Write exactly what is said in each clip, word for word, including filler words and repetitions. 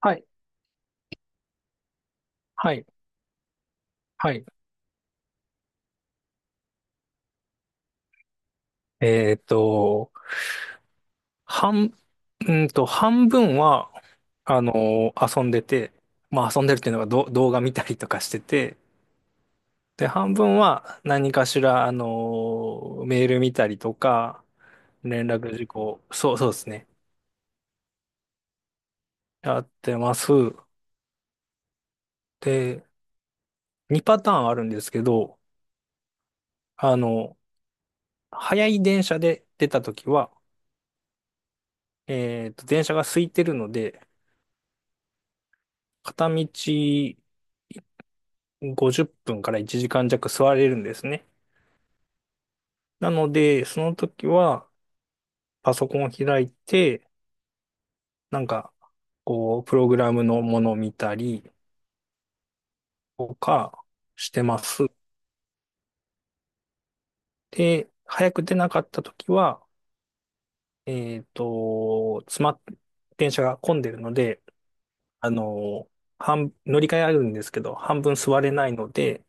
はい、はい、はい。えっと、半、うんと、半分は、あの、遊んでて、まあ遊んでるっていうのがど動画見たりとかしてて、で、半分は何かしら、あの、メール見たりとか、連絡事項、そう、そうですね。やってます。で、にパターンあるんですけど、あの、早い電車で出たときは、えっと、電車が空いてるので、片道、ごじゅっぷんからいちじかん弱座れるんですね。なので、その時はパソコンを開いて、なんか、こう、プログラムのものを見たりとかしてます。で、早く出なかった時は、えっと、詰まっ、電車が混んでるので、あの、半、乗り換えあるんですけど、半分座れないので、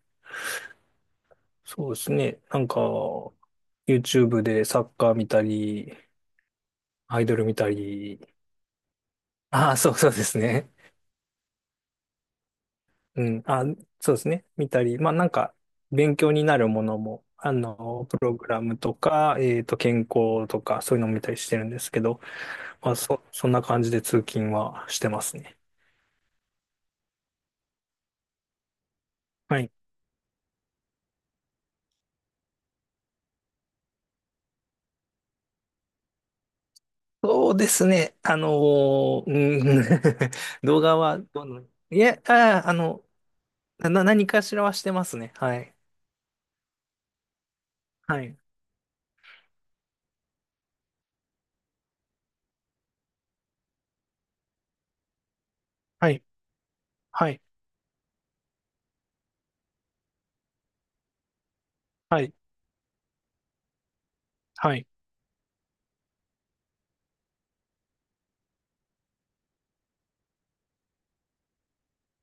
そうですね、なんか、YouTube でサッカー見たり、アイドル見たり、ああ、そうそうですね。うん、あ、そうですね。見たり、まあなんか、勉強になるものも、あの、プログラムとか、えっと、健康とか、そういうのも見たりしてるんですけど、まあ、そ、そんな感じで通勤はしてますね。はい。そうですね。あのーうん。 動画は、どの、いや、あー、あの、な、何かしらはしてますね。はい。はい。はい。はい。はい。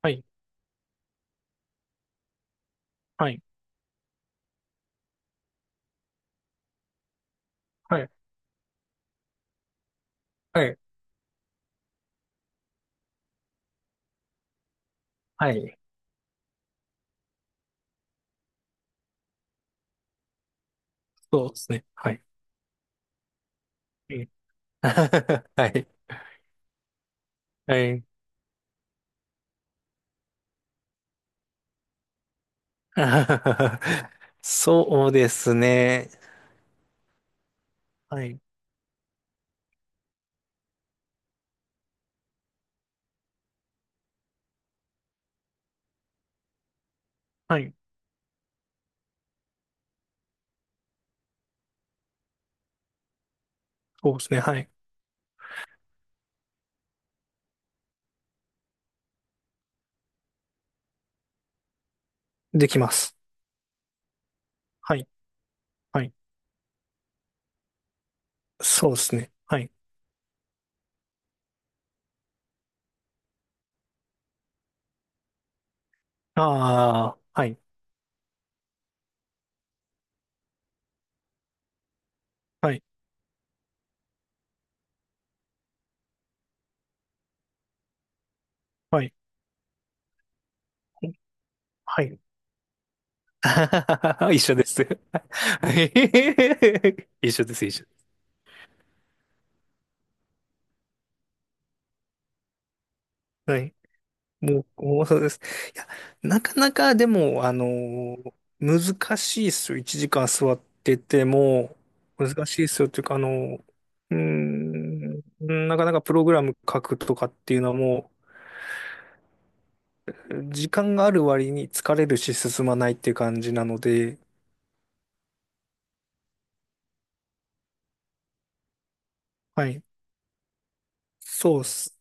はい。はい。はい。はい。はい。はい、そうですね。はい。うん。 はい。はい。そうですね。はい。はい。そうですね。はい。できます。はい。はい。そうですね。はい。ああ、はい。はい。はい。はい。一緒です。はい、一緒です、一緒。はい。もう、もうそうです。いや、なかなかでも、あのー難しいですよ。いちじかん座ってても、難しいですよっていうか、あのーうーん、なかなかプログラム書くとかっていうのはもう、時間がある割に疲れるし進まないっていう感じなので、はい。そうっす。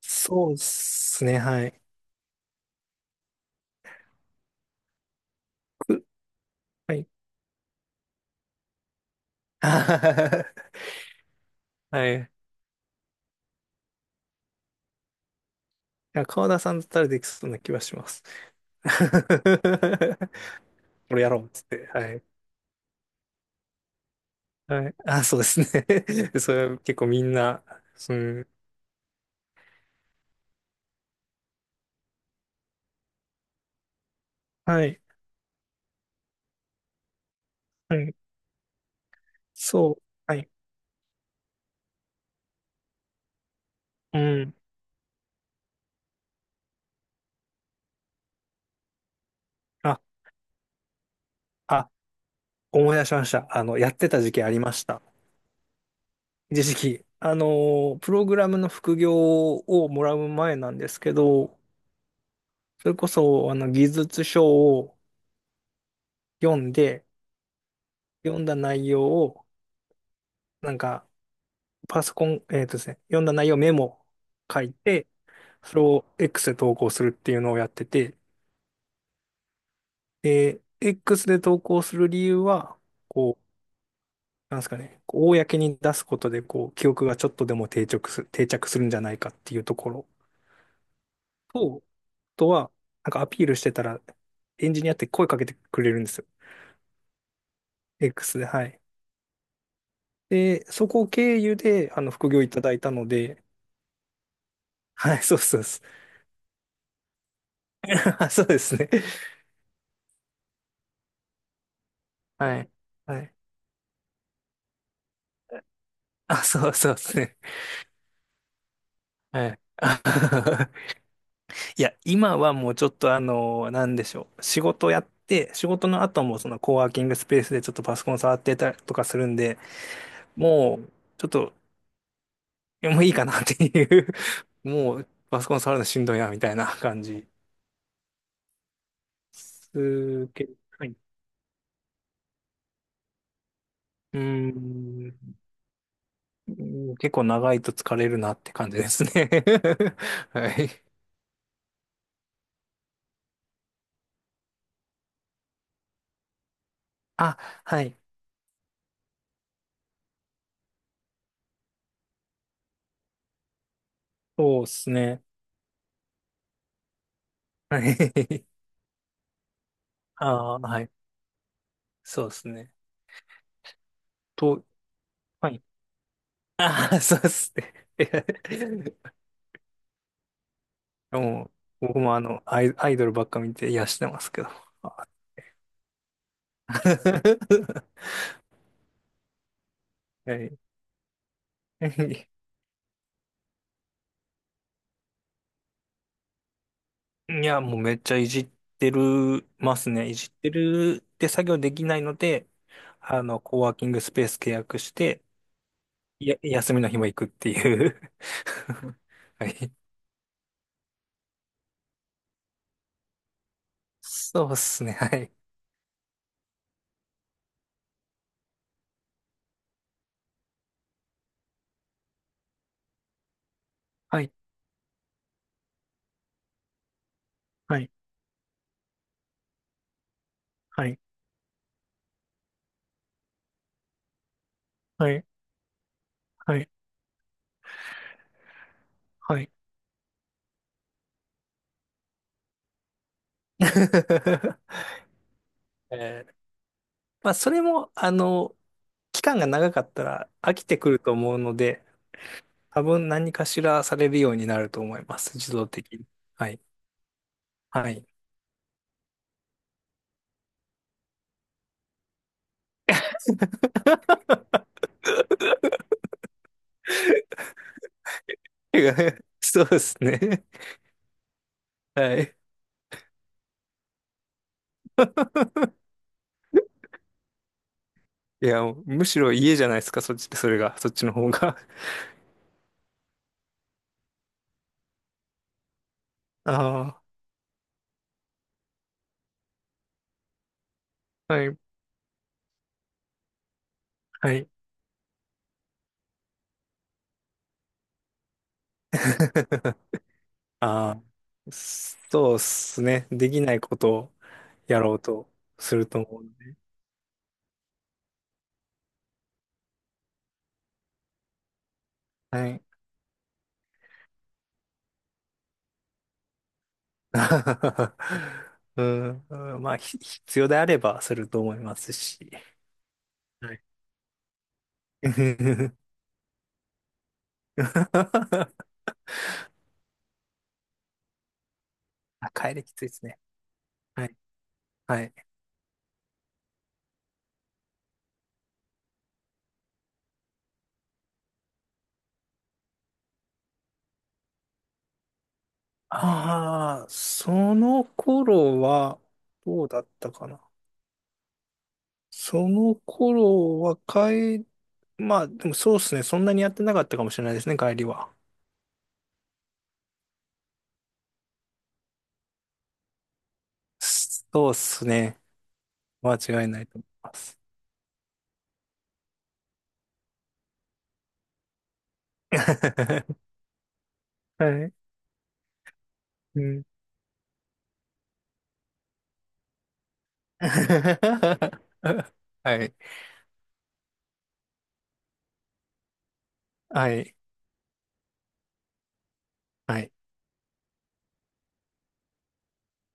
そうっすね、はい。くはい。はい。いや、川田さんだったらできそうな気はします。俺やろうっつって。はい。はい。あ、そうですね。それは結構みんな、うん。はい。はい。そう。はい。うん。あ、あ、思い出しました。あの、やってた時期ありました。一時期。あの、プログラムの副業をもらう前なんですけど、それこそ、あの、技術書を読んで、読んだ内容を、なんか、パソコン、えっとですね、読んだ内容メモ書いて、それを X で投稿するっていうのをやってて、で、X で投稿する理由は、こう、なんですかね、こう公に出すことで、こう、記憶がちょっとでも定着す、る定着するんじゃないかっていうところと、あとは、なんかアピールしてたら、エンジニアって声かけてくれるんですよ。X で、はい。で、そこを経由で、あの、副業いただいたので、はい、そうそうです。そうですね。はい。はい。あ、そうそうですね。はい。いや、今はもうちょっとあの、なんでしょう。仕事やって、仕事の後もそのコワーキングスペースでちょっとパソコン触ってたりとかするんで、もう、ちょっと、いやもういいかなっていう。 もう、パソコン触るのしんどいな、みたいな感じ。すけ、はい。うーん、うん、結構長いと疲れるなって感じですね。 はい。あ、はい。そうですね。はい。ああ、はい。そうですね。と、はい。 ああ、そうっすね。もう、僕もあの、アイ、アイドルばっか見て癒してますけど。あ。 はい。いや、もうめっちゃいじってるますね。いじってるって作業できないので、あの、コワーキングスペース契約して、や、休みの日も行くっていう。はい。そうっすね。はい。はい、はい、はい、はい、はい、はい。えーまあ、それも、あの、期間が長かったら飽きてくると思うので、多分何かしらされるようになると思います。自動的に。はい。はい。そうですね。はい。いや、むしろ家じゃないですか、そっち、それが、そっちの方が。ああ、はい、はい。ああ、そうっすね。できないことをやろうとすると思うんで。はい。うん、うんまあ、ひ必要であればすると思いますし。はい。あ、帰りきついですね。はい。はい。ああ、その頃は、どうだったかな。その頃は、帰、まあ、でもそうですね。そんなにやってなかったかもしれないですね、帰りは。そうですね。間違いないと思います。はい。うん。はい。はい。はい。